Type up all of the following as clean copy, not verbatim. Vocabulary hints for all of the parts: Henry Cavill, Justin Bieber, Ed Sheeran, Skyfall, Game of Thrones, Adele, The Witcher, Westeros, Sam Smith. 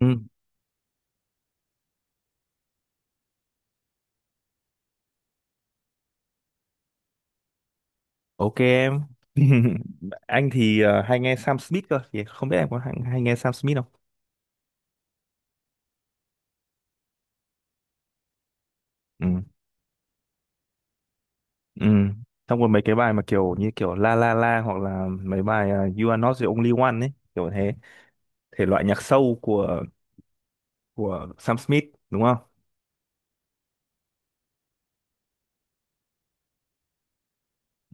Ừ, ok em. Anh thì hay nghe Sam Smith cơ, thì không biết em có hay nghe Sam Smith không? Ừ. Ừ. Xong rồi mấy cái bài mà kiểu như kiểu La La La hoặc là mấy bài You Are Not the Only One ấy, kiểu thế. Thể loại nhạc soul của Sam Smith đúng không?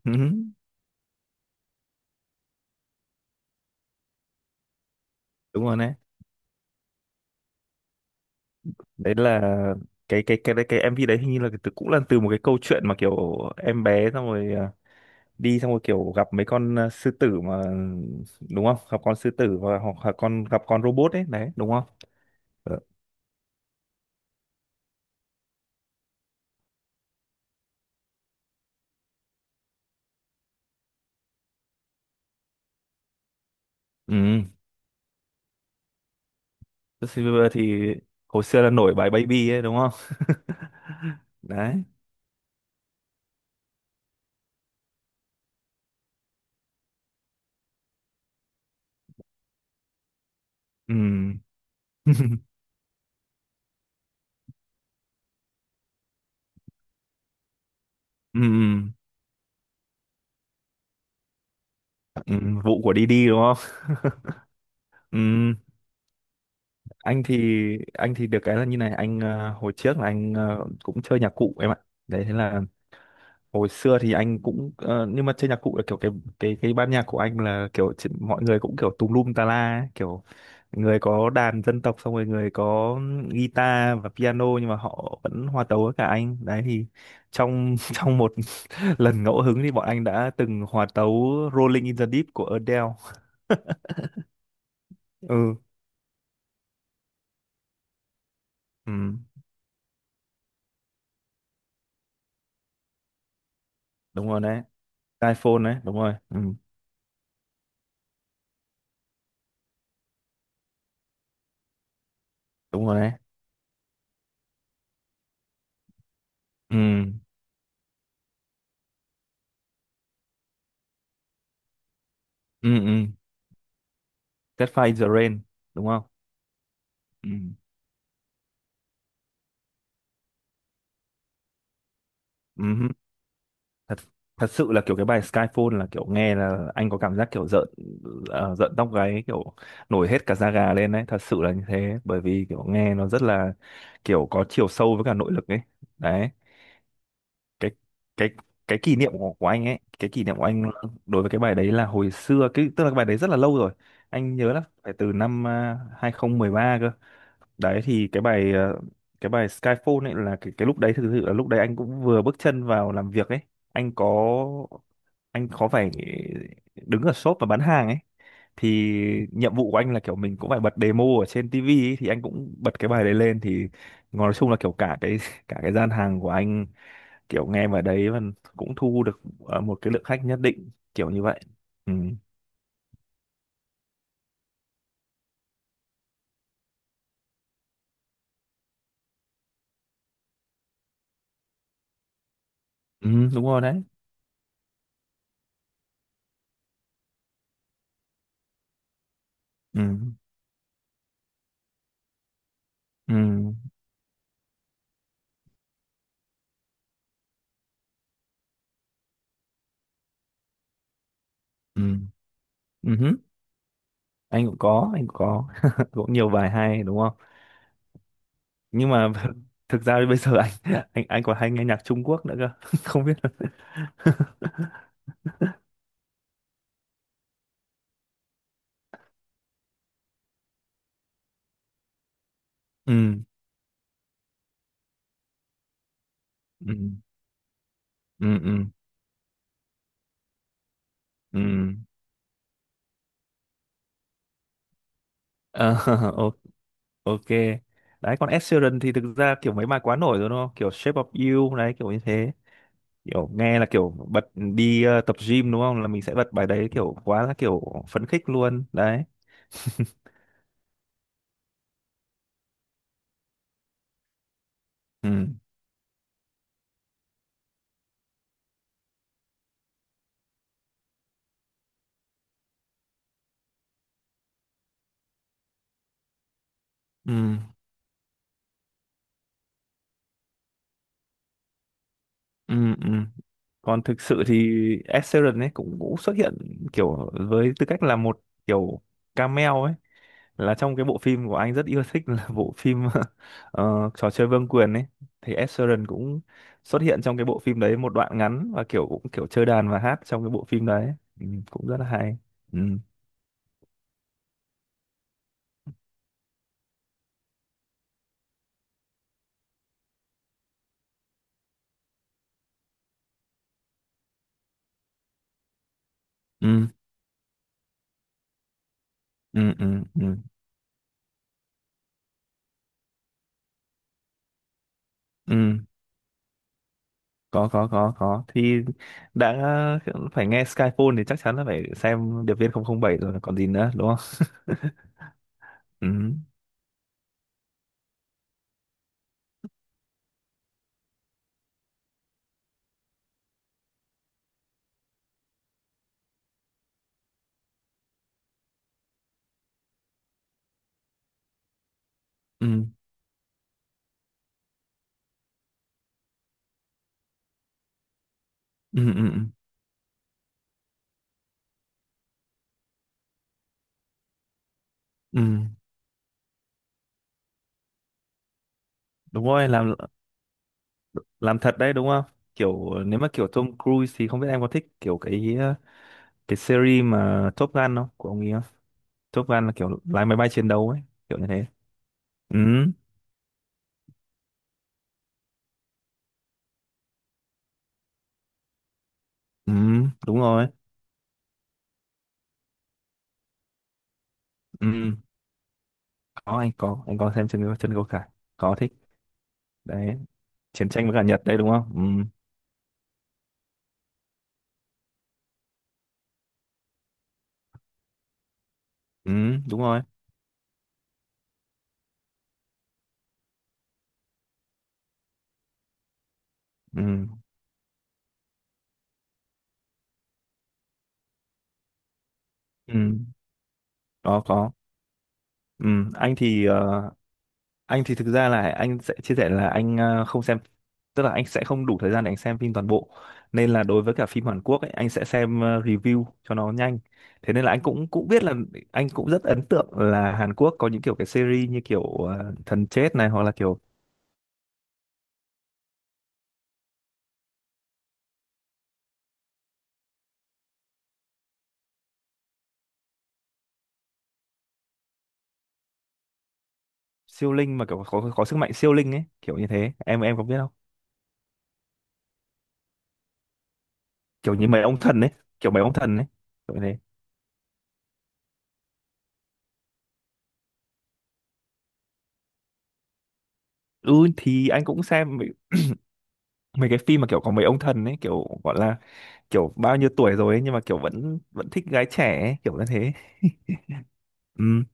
Ừ, đúng rồi đấy. Đấy là cái MV đấy hình như là từ cũng là từ một cái câu chuyện mà kiểu em bé xong rồi đi xong rồi kiểu gặp mấy con sư tử mà đúng không, gặp con sư tử và hoặc là con gặp con robot ấy đấy đúng không? Ờ. Ừ. Justin Bieber thì hồi xưa là nổi bài Baby ấy đúng không? Đấy. Ừ. Ừ. Ừ. Vụ của Didi đúng không? Ừ. Anh thì anh thì được cái là như này, anh hồi trước là anh cũng chơi nhạc cụ em ạ. Đấy thế là hồi xưa thì anh cũng nhưng mà chơi nhạc cụ là kiểu cái ban nhạc của anh là kiểu mọi người cũng kiểu tùm lum tà la ấy, kiểu người có đàn dân tộc xong rồi người có guitar và piano nhưng mà họ vẫn hòa tấu với cả anh đấy. Thì trong trong một lần ngẫu hứng thì bọn anh đã từng hòa tấu Rolling in the Deep của Adele. Ừ. Ừ. Đúng rồi đấy. iPhone đấy đúng rồi. Ừ. Đúng rồi đấy. Ừ. Ừ. Ừ. Catfight in the Rain đúng không? Ừ. Ừ. Ừ. thật thật sự là kiểu cái bài Skyfall là kiểu nghe là anh có cảm giác kiểu rợn, rợn tóc gáy kiểu nổi hết cả da gà lên đấy, thật sự là như thế. Bởi vì kiểu nghe nó rất là kiểu có chiều sâu với cả nội lực ấy đấy. cái cái kỷ niệm của anh ấy, cái kỷ niệm của anh đối với cái bài đấy là hồi xưa cái tức là cái bài đấy rất là lâu rồi, anh nhớ là phải từ năm 2013 cơ. Đấy thì cái bài cái bài Skyfall ấy là cái lúc đấy thực sự là lúc đấy anh cũng vừa bước chân vào làm việc ấy. Anh có anh có phải đứng ở shop và bán hàng ấy, thì nhiệm vụ của anh là kiểu mình cũng phải bật demo ở trên tivi ấy, thì anh cũng bật cái bài đấy lên thì nói chung là kiểu cả cái cả cái gian hàng của anh kiểu nghe vào đấy và cũng thu được một cái lượng khách nhất định, kiểu như vậy. Ừ, ừ. Đúng rồi đấy. Ừ. Ừ. Ừ. Ừ hứ. Anh cũng có, anh cũng có cũng nhiều bài hay đúng không, nhưng mà thực ra bây giờ anh anh còn hay nghe nhạc Trung Quốc nữa cơ. Không biết là- Ừ. Ừ. Ừ. Ừ. Ừ. Ờ, o- ok. Đấy còn Ed Sheeran thì thực ra kiểu mấy bài quá nổi rồi đúng không, kiểu Shape of You đấy kiểu như thế. Kiểu nghe là kiểu bật đi tập gym đúng không, là mình sẽ bật bài đấy kiểu quá là kiểu phấn khích luôn đấy. Ừ. Ừ. Ừ. Ừ. Còn thực sự thì Ed Sheeran ấy cũng cũng xuất hiện kiểu với tư cách là một kiểu cameo ấy, là trong cái bộ phim của anh rất yêu thích là bộ phim trò chơi vương quyền ấy. Thì Ed Sheeran cũng xuất hiện trong cái bộ phim đấy một đoạn ngắn và kiểu cũng kiểu chơi đàn và hát trong cái bộ phim đấy, ừ, cũng rất là hay. Ừ. Ừ. Ừ. Ừ. Ừ, ừ. Có có có. Thì đã phải nghe Skyfall thì chắc chắn là phải xem Điệp viên 007 rồi còn gì nữa đúng không? Ừ. Ừ. Ừ. Ừ. Ừ. Ừ. Đúng rồi, làm thật đấy đúng không? Kiểu nếu mà kiểu Tom Cruise thì không biết em có thích kiểu cái cái series mà Top Gun không, của ông ấy không? Top Gun là kiểu lái máy bay chiến đấu ấy, kiểu như thế. Ừ. Ừ. Đúng rồi. Ừ. Có, anh có, anh có xem chân chân câu cải. Có thích đấy, chiến tranh với cả Nhật đấy đúng không? Ừ. Ừ. Đúng rồi. Ừ. Ừ. Có có. Ừ. Anh thì anh thì thực ra là anh sẽ chia sẻ là anh không xem, tức là anh sẽ không đủ thời gian để anh xem phim toàn bộ, nên là đối với cả phim Hàn Quốc ấy anh sẽ xem review cho nó nhanh. Thế nên là anh cũng cũng biết là anh cũng rất ấn tượng là Hàn Quốc có những kiểu cái series như kiểu thần chết này, hoặc là kiểu siêu linh mà kiểu có sức mạnh siêu linh ấy kiểu như thế, em có biết không? Kiểu như mấy ông thần ấy, kiểu mấy ông thần ấy, kiểu như thế. Ừ, thì anh cũng xem mấy cái phim mà kiểu có mấy ông thần ấy, kiểu gọi là kiểu bao nhiêu tuổi rồi ấy, nhưng mà kiểu vẫn vẫn thích gái trẻ ấy, kiểu như thế. Ừ,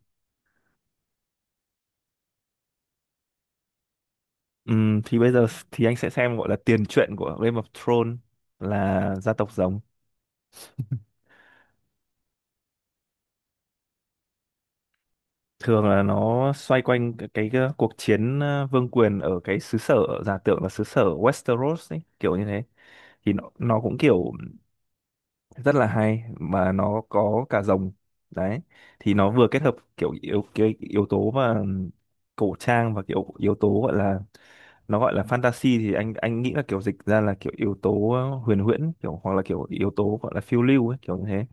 ừ, thì bây giờ thì anh sẽ xem gọi là tiền truyện của Game of Thrones là Gia Tộc Rồng. Thường là nó xoay quanh cái cuộc chiến vương quyền ở cái xứ sở giả tưởng là xứ sở Westeros ấy, kiểu như thế. Thì nó cũng kiểu rất là hay mà nó có cả rồng đấy. Thì nó vừa kết hợp kiểu cái yếu tố mà cổ trang và kiểu yếu tố gọi là, nó gọi là fantasy thì anh nghĩ là kiểu dịch ra là kiểu yếu tố huyền huyễn kiểu hoặc là kiểu yếu tố gọi là phiêu lưu ấy, kiểu như thế.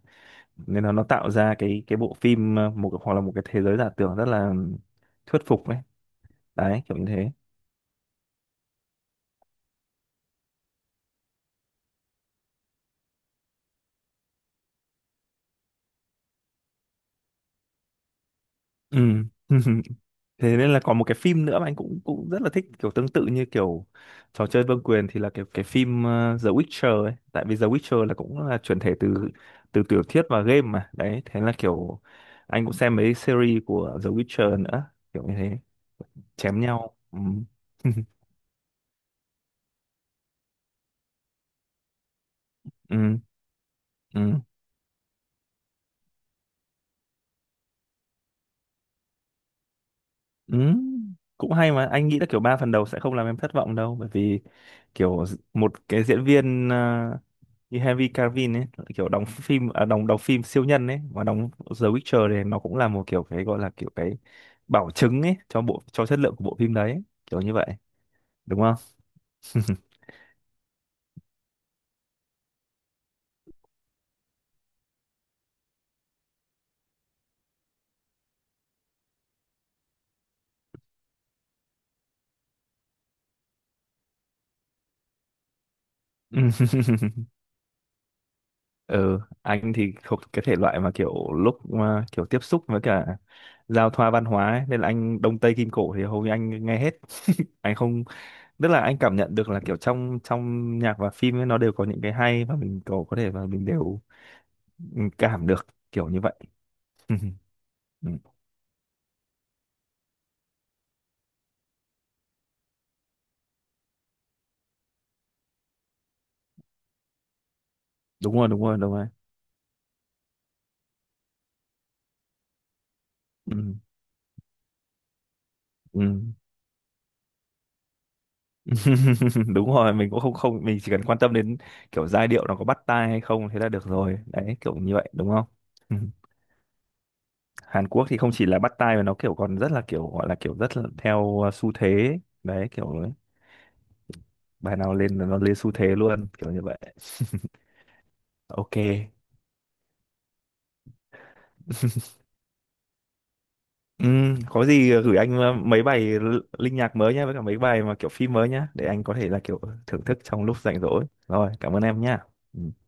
Nên là nó tạo ra cái bộ phim một hoặc là một cái thế giới giả tưởng rất là thuyết phục ấy đấy, kiểu như thế. Ừ. Thế nên là còn một cái phim nữa mà anh cũng cũng rất là thích kiểu tương tự như kiểu trò chơi vương quyền thì là cái phim The Witcher ấy. Tại vì The Witcher là cũng là chuyển thể từ từ tiểu thuyết và game mà đấy, thế là kiểu anh cũng xem mấy series của The Witcher nữa, kiểu như thế, chém nhau. Ừ. Ừ. Ừ. Ừ. Cũng hay, mà anh nghĩ là kiểu ba phần đầu sẽ không làm em thất vọng đâu. Bởi vì kiểu một cái diễn viên như Henry Cavill ấy, kiểu đóng phim đóng đóng phim siêu nhân ấy, và đóng The Witcher này, nó cũng là một kiểu cái gọi là kiểu cái bảo chứng ấy cho bộ, cho chất lượng của bộ phim đấy, kiểu như vậy, đúng không? Ừ, anh thì thuộc cái thể loại mà kiểu lúc mà kiểu tiếp xúc với cả giao thoa văn hóa ấy, nên là anh Đông Tây Kim Cổ thì hầu như anh nghe hết. Anh không, tức là anh cảm nhận được là kiểu trong trong nhạc và phim ấy, nó đều có những cái hay và mình có thể và mình đều, ừ, cảm được, kiểu như vậy. Ừ, đúng rồi đúng rồi đúng rồi. Ừ. Ừ. Đúng rồi, mình cũng không không mình chỉ cần quan tâm đến kiểu giai điệu nó có bắt tai hay không, thế là được rồi đấy, kiểu như vậy đúng không? Ừ. Hàn Quốc thì không chỉ là bắt tai mà nó kiểu còn rất là kiểu gọi là kiểu rất là theo xu thế ấy. Đấy kiểu bài nào lên là nó lên xu thế luôn, kiểu như vậy. Ok. Có gì gửi anh mấy bài linh nhạc mới nhá, với cả mấy bài mà kiểu phim mới nhá, để anh có thể là kiểu thưởng thức trong lúc rảnh rỗi. Rồi cảm ơn em nhá. Ừ.